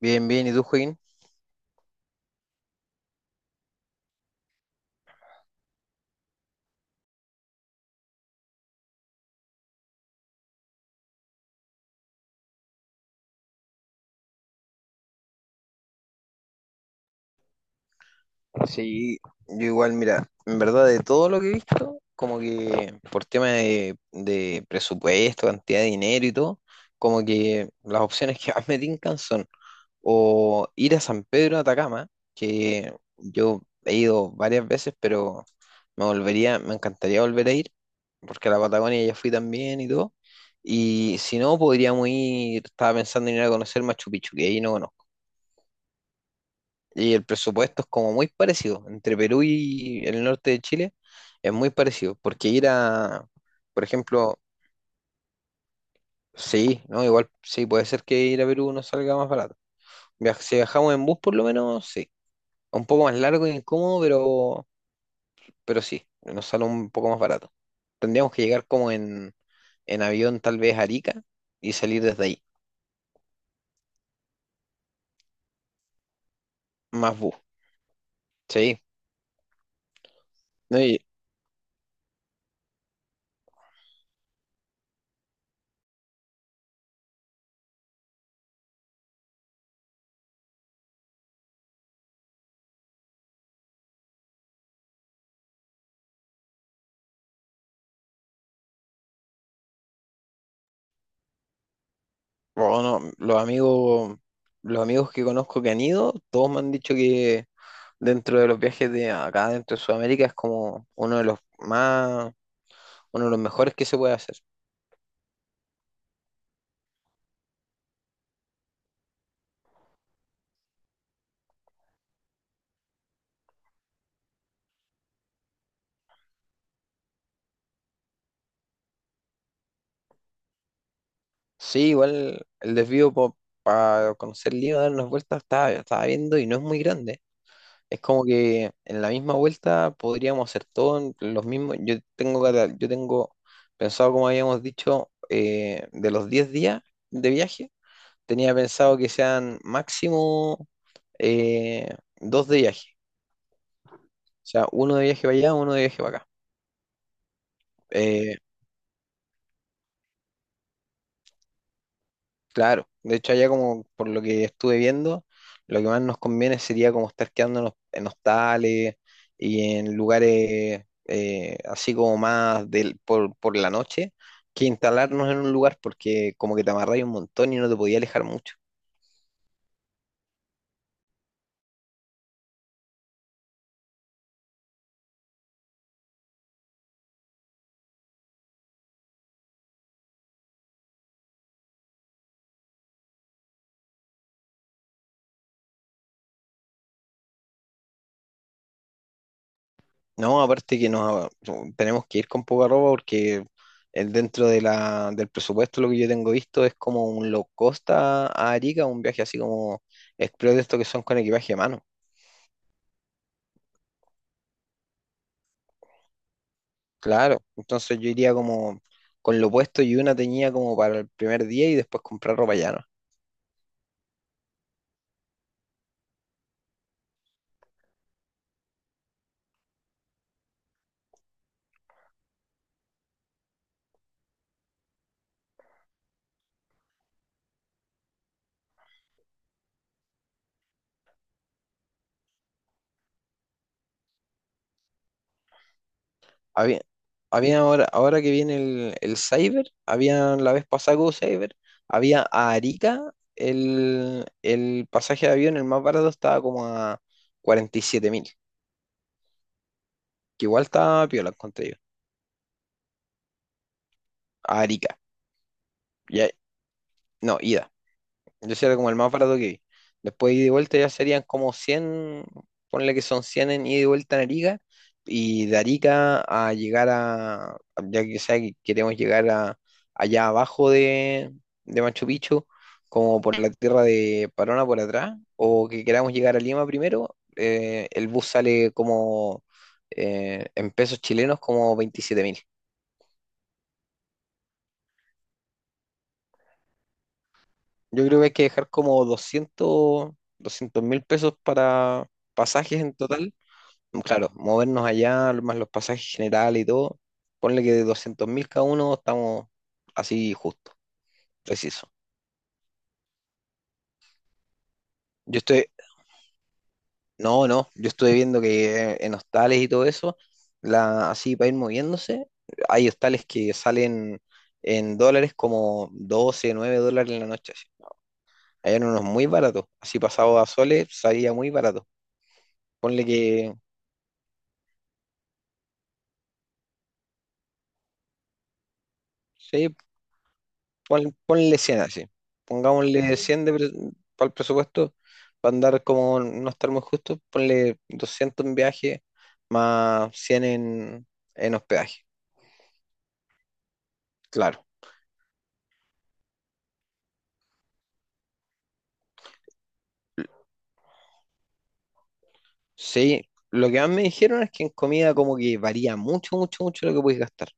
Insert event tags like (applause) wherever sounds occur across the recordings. Bien, bien, ¿y tú, Joaquín? Sí, yo igual, mira, en verdad de todo lo que he visto, como que por tema de presupuesto, cantidad de dinero y todo, como que las opciones que más me tincan son o ir a San Pedro de Atacama, que yo he ido varias veces, pero me volvería, me encantaría volver a ir, porque a la Patagonia ya fui también y todo. Y si no, podríamos ir, estaba pensando en ir a conocer Machu Picchu, que ahí no. Y el presupuesto es como muy parecido. Entre Perú y el norte de Chile es muy parecido. Porque ir a, por ejemplo, sí, ¿no? Igual sí, puede ser que ir a Perú nos salga más barato. Si viajamos en bus por lo menos, sí. Un poco más largo y incómodo, pero, sí, nos sale un poco más barato. Tendríamos que llegar como en avión tal vez a Arica y salir desde ahí. Más bus. Sí. No, y, bueno, los amigos que conozco que han ido, todos me han dicho que dentro de los viajes de acá dentro de Sudamérica es como uno de los más, uno de los mejores que se puede hacer. Sí, igual el desvío para conocer Lima, dar unas vueltas, estaba viendo y no es muy grande. Es como que en la misma vuelta podríamos hacer todo en los mismos. Yo tengo pensado, como habíamos dicho, de los 10 días de viaje, tenía pensado que sean máximo eh, dos de viaje. O sea, uno de viaje para allá, uno de viaje para acá. Eh, Claro, de hecho allá como por lo que estuve viendo, lo que más nos conviene sería como estar quedándonos en hostales y en lugares, así como más del, por, la noche, que instalarnos en un lugar, porque como que te amarráis un montón y no te podías alejar mucho. No, aparte que nos, tenemos que ir con poca ropa porque dentro de del presupuesto lo que yo tengo visto es como un low cost a Arica, un viaje así como express de estos que son con equipaje a mano. Claro, entonces yo iría como con lo puesto y una tenía como para el primer día y después comprar ropa llana. Había, ahora que viene el Cyber, había la vez pasada que hubo Cyber, había a Arica, el pasaje de avión, el más barato estaba como a 47.000, que igual estaba piola, encontré yo. A Arica, ya, no, yo sí era como el más barato que vi. Después ida y vuelta ya serían como cien, ponle que son 100 en ida y vuelta en Arica. Y de Arica a llegar a, ya que sea que queremos llegar a, allá abajo de, Machu Picchu, como por la tierra de Parona por atrás, o que queramos llegar a Lima primero, el bus sale como en pesos chilenos como 27.000. Yo creo que hay que dejar como doscientos mil pesos para pasajes en total. Claro, movernos allá, más los pasajes generales y todo, ponle que de 200.000 cada uno estamos así justo, preciso. Yo estoy, no, no, yo estoy viendo que en hostales y todo eso, así para ir moviéndose, hay hostales que salen en dólares como 12 9 dólares en la noche. Allá eran unos muy baratos, así pasado a soles salía muy barato. Ponle que, sí, ponle 100 así. Pongámosle. Ujú. 100 para el presupuesto, para andar como no estar muy justo, ponle 200 en viaje más 100 en hospedaje. Claro. Sí, lo que más me dijeron es que en comida como que varía mucho, mucho, mucho lo que puedes gastar.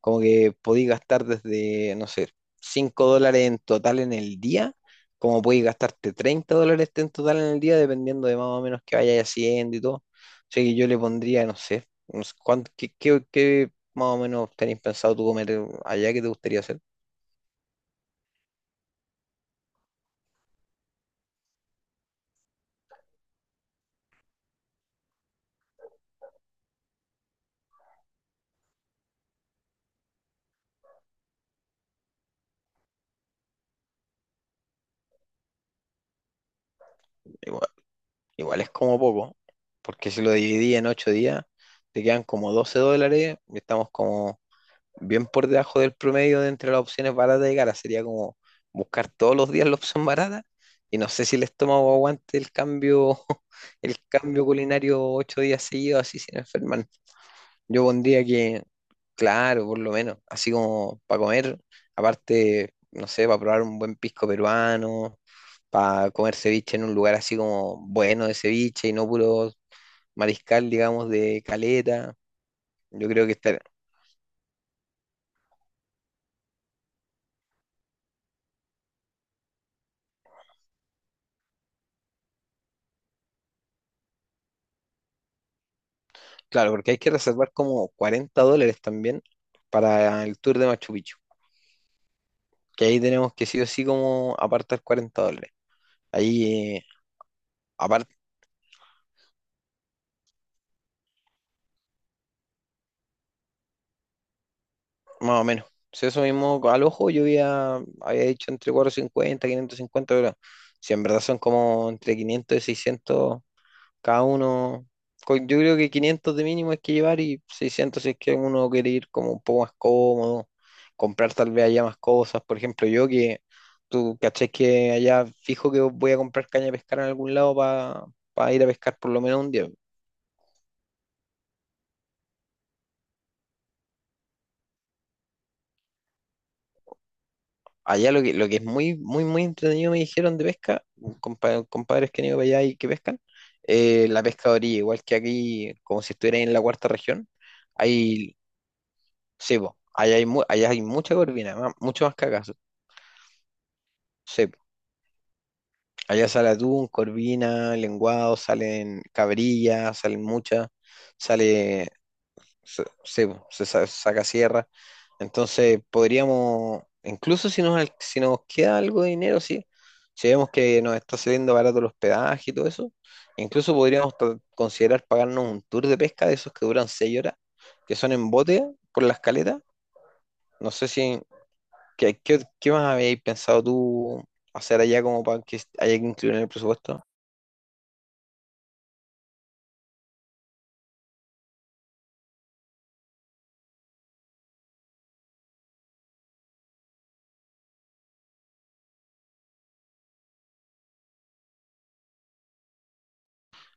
Como que podéis gastar desde, no sé, 5 dólares en total en el día, como podéis gastarte 30 dólares en total en el día, dependiendo de más o menos que vayáis haciendo y todo. Así que yo le pondría, no sé, no sé qué más o menos tenéis pensado tú comer allá, ¿que te gustaría hacer? Igual, igual es como poco, porque si lo dividí en 8 días, te quedan como 12 dólares y estamos como bien por debajo del promedio de entre las opciones baratas y caras. Sería como buscar todos los días la opción barata y no sé si el estómago aguante el cambio, (laughs) el cambio culinario 8 días seguidos así sin enfermar. Yo pondría que, claro, por lo menos, así como para comer, aparte, no sé, para probar un buen pisco peruano, para comer ceviche en un lugar así como bueno de ceviche y no puro mariscal, digamos, de caleta. Yo creo que estar-. Claro, porque hay que reservar como 40 dólares también para el tour de Machu Picchu, que ahí tenemos que sí o sí como apartar 40 dólares. Ahí, aparte, más o menos. Si eso mismo al ojo, yo había, dicho entre 450, 550, pero si en verdad son como entre 500 y 600. Cada uno, yo creo que 500 de mínimo hay que llevar y 600 si es que uno quiere ir como un poco más cómodo, comprar tal vez allá más cosas. Por ejemplo, yo que tú caché que allá fijo que voy a comprar caña de pescar en algún lado para ir a pescar por lo menos un día. Allá lo que es muy, muy, muy entretenido me dijeron de pesca, compadres que han ido para allá y que pescan, la pesca de orilla, igual que aquí, como si estuviera en la cuarta región, hay... Sí, po, allá hay, allá hay mucha corvina, mucho más que acá. Sí, allá sale atún, corvina, lenguado, salen cabrillas, salen muchas, sale, sí, po, se saca sierra. Entonces podríamos, incluso si nos, si nos queda algo de dinero, sí, si vemos que nos está saliendo barato el hospedaje y todo eso, incluso podríamos considerar pagarnos un tour de pesca de esos que duran 6 horas, que son en bote por la escaleta. No sé si, ¿qué más habéis pensado tú hacer allá como para que haya que incluir en el presupuesto?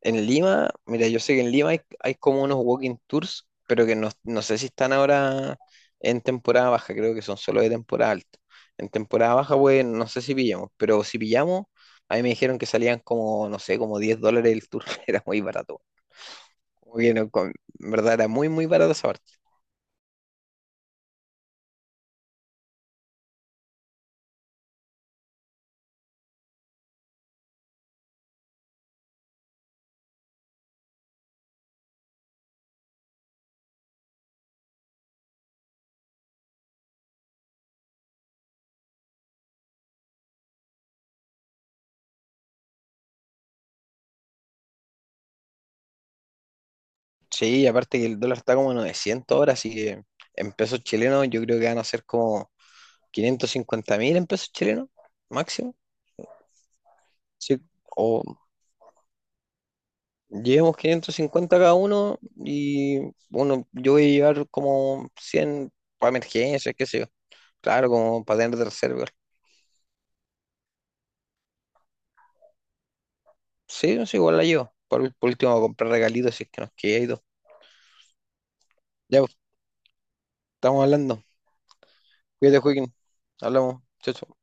En Lima, mira, yo sé que en Lima hay, como unos walking tours, pero que no, no sé si están ahora en temporada baja, creo que son solo de temporada alta. En temporada baja, pues no sé si pillamos, pero si pillamos, a mí me dijeron que salían como, no sé, como 10 dólares el tour, (laughs) era muy barato. Como que en verdad era muy, muy barato esa parte. Sí, aparte que el dólar está como 900 ahora, así que en pesos chilenos yo creo que van a ser como 550.000 en pesos chilenos, máximo. Sí, o llevamos 550 cada uno y, bueno, yo voy a llevar como 100 para emergencias, qué sé yo. Claro, como para tener de reserva. Sí, sí, igual la llevo. Por último, comprar regalitos si es que nos queda y todo. Ya, pues, estamos hablando. Cuídate, Joaquín. Hablamos. Chao, chao.